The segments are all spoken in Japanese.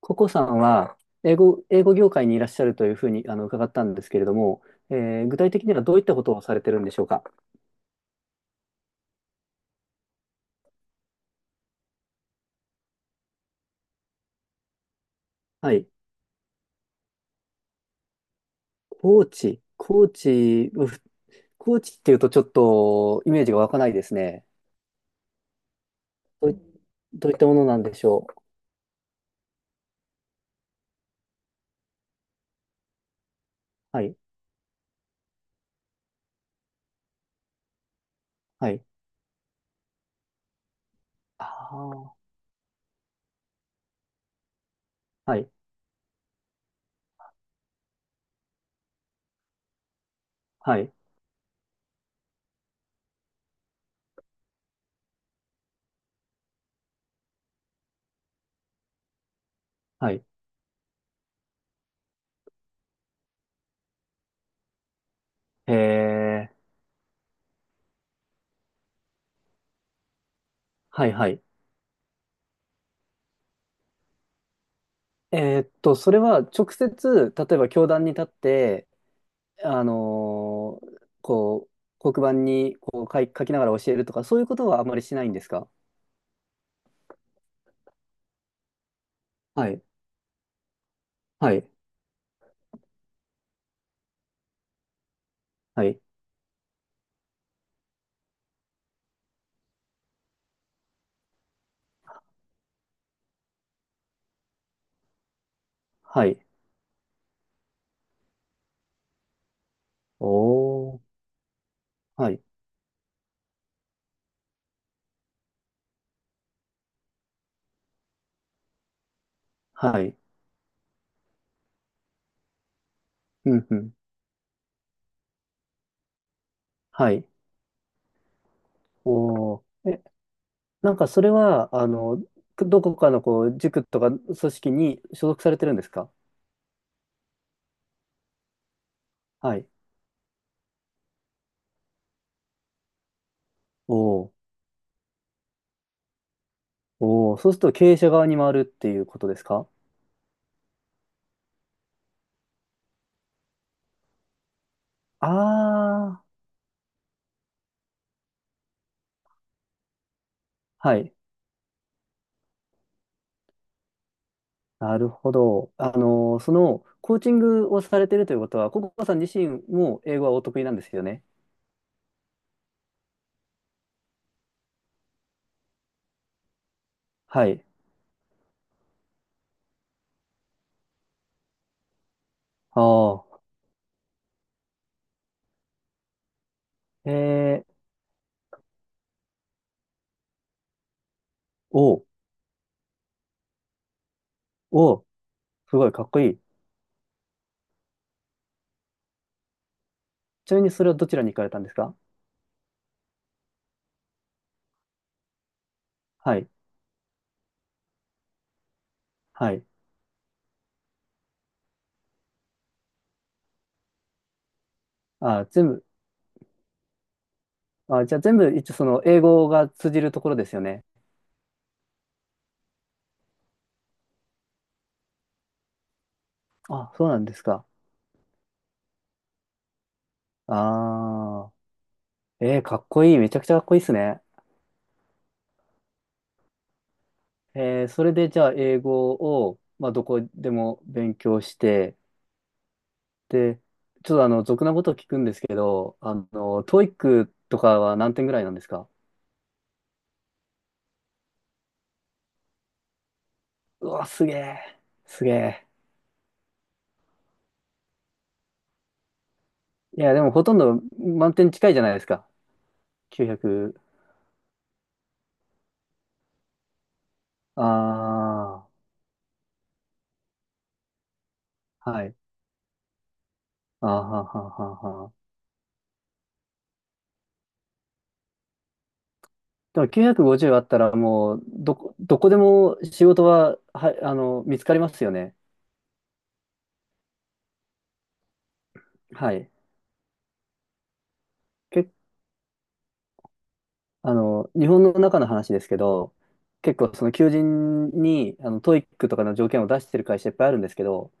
ココさんは、英語業界にいらっしゃるというふうに、伺ったんですけれども、具体的にはどういったことをされてるんでしょうか？はい。コーチ、コーチ、うふコーチっていうとちょっとイメージが湧かないですね。どうい、どういったものなんでしょう？はい、はい。ああ、はい、はい、はい。えー、はい、はい。それは直接、例えば教壇に立って、こう、黒板にこう書きながら教えるとか、そういうことはあまりしないんですか？はい、はい、はい、はい。おー、はい、はい、うん、うん、はい、おー。なんかそれは、どこかのこう、塾とか組織に所属されてるんですか？はい。おー、おー、そうすると経営者側に回るっていうことですか？あー、はい。なるほど。その、コーチングをされてるということは、ココさん自身も英語はお得意なんですよね？はい。ああ。えー、おう、おう、すごい、かっこいい。ちなみにそれはどちらに行かれたんですか？はい、はい。あ全部、あ、じゃあ全部、一応その、英語が通じるところですよね？あ、そうなんですか？ああ。えー、かっこいい。めちゃくちゃかっこいいですね。それでじゃあ、英語を、まあ、どこでも勉強して、で、ちょっと俗なことを聞くんですけど、トイックとかは何点ぐらいなんですか？うわ、すげえ、すげえ。いや、でもほとんど満点近いじゃないですか。900。ああ、はい。あーはははは。でも950あったらもう、どこでも仕事は、はい、見つかりますよね？はい。け、日本の中の話ですけど、結構その求人に、トイックとかの条件を出してる会社いっぱいあるんですけど、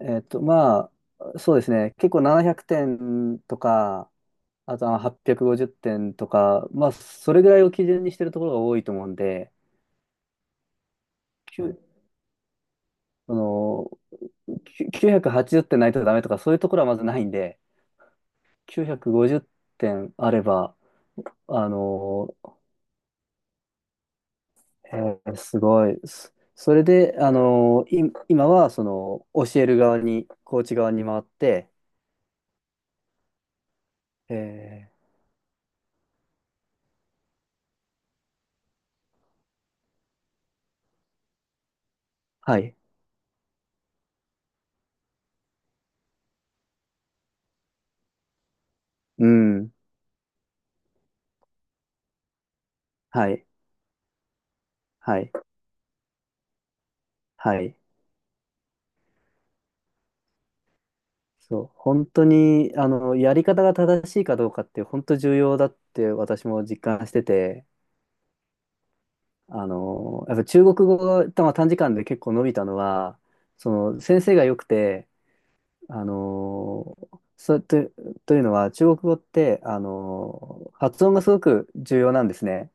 まあ、そうですね。結構700点とか、あとまあのは850点とか、まあ、それぐらいを基準にしてるところが多いと思うんで、きゅその、きゅ980点ないとダメとか、そういうところはまずないんで、950点あれば、あの、えーすごい。それで、今は、その、教える側に、コーチ側に回って、えーはい。うん。はい。はい。はい。そう、本当に、やり方が正しいかどうかって本当重要だって私も実感してて、やっぱ中国語が短時間で結構伸びたのは、その先生が良くて、あの、そうと、というのは中国語って、発音がすごく重要なんですね。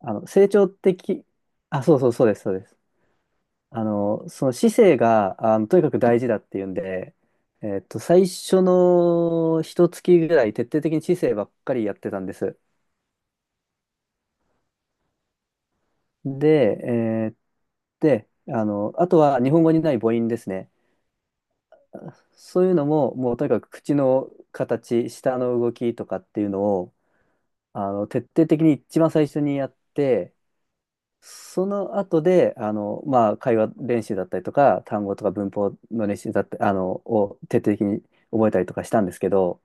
あの、成長的、あ、そうそうそうです、そうです。その姿勢が、とにかく大事だっていうんで、最初の一月ぐらい徹底的に姿勢ばっかりやってたんです。で、で、あとは日本語にない母音ですね。そういうのも、もうとにかく口の形、舌の動きとかっていうのを、徹底的に一番最初にやって、その後で、まあ、会話練習だったりとか、単語とか文法の練習だったり、を徹底的に覚えたりとかしたんですけど、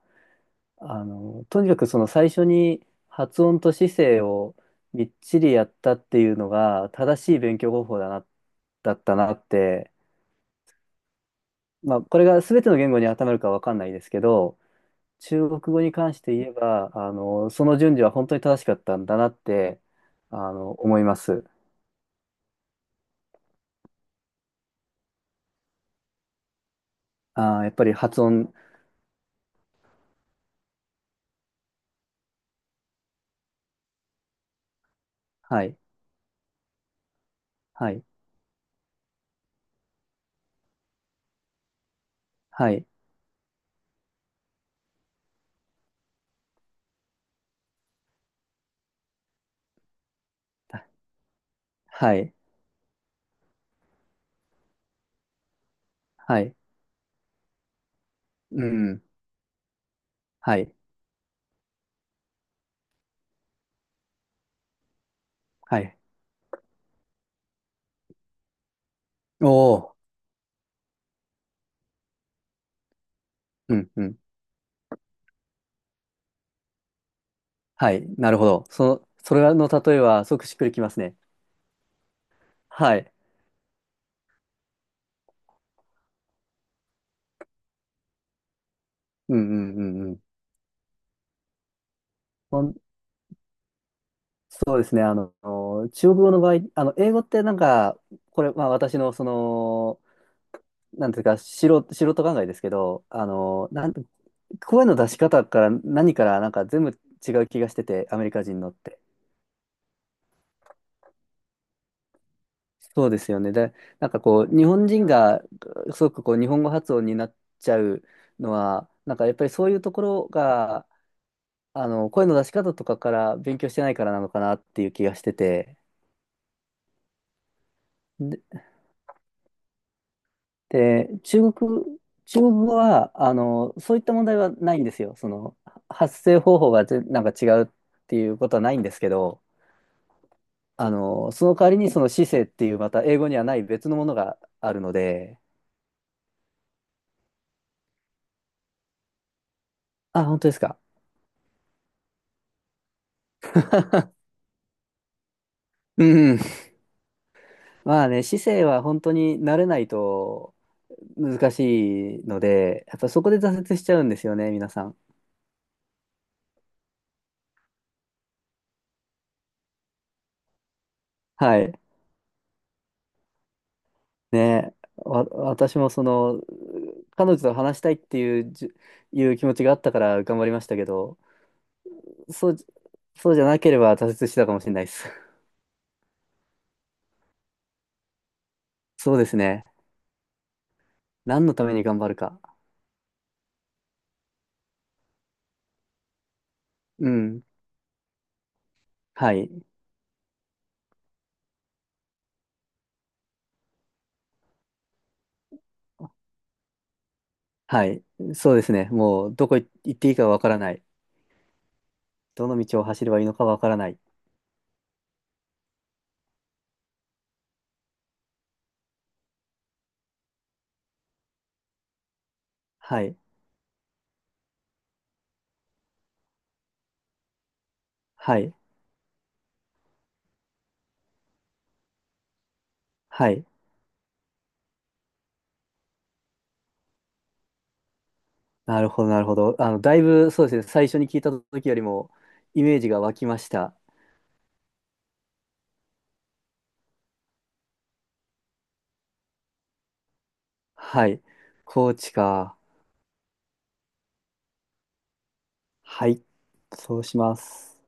とにかくその最初に発音と姿勢をみっちりやったっていうのが正しい勉強方法だったなって、まあこれが全ての言語に当てはまるかわかんないですけど、中国語に関して言えば、その順序は本当に正しかったんだなって、思います。あー、やっぱり発音、はい、はい、はい、はい、はい、うん、はい、はい。おお、うん、うん。はい。なるほど。その、それの例えは、すごくしっくりきますね。はい。うんうんうんうん。ほんそうですね。中国語の場合、英語ってなんか、これ、まあ私の、その、なんていうか、素人考えですけど、声の出し方から何から、なんか全部違う気がしてて、アメリカ人のって。そうですよね。で、なんかこう、日本人が、すごくこう、日本語発音になっちゃうのは、なんかやっぱりそういうところが、声の出し方とかから勉強してないからなのかなっていう気がしてて。で、で中国、中国語は、そういった問題はないんですよ。発声方法がなんか違うっていうことはないんですけど、その代わりにその姿勢っていうまた英語にはない別のものがあるので、あ、本当ですか？うんうん。まあね、姿勢は本当に慣れないと難しいので、やっぱそこで挫折しちゃうんですよね、皆さん。はい。私もその、彼女と話したいっていういう気持ちがあったから頑張りましたけど、そう、そうじゃなければ挫折してたかもしれないです。そうですね。何のために頑張るか。うん。はい。はい。そうですね。もう、どこ行っていいかわからない。どの道を走ればいいのかわからない。はい。はい。はい。なるほど、なるほど。だいぶ、そうですね。最初に聞いた時よりも、イメージが湧きました。はい。コーチか。はい、そうします。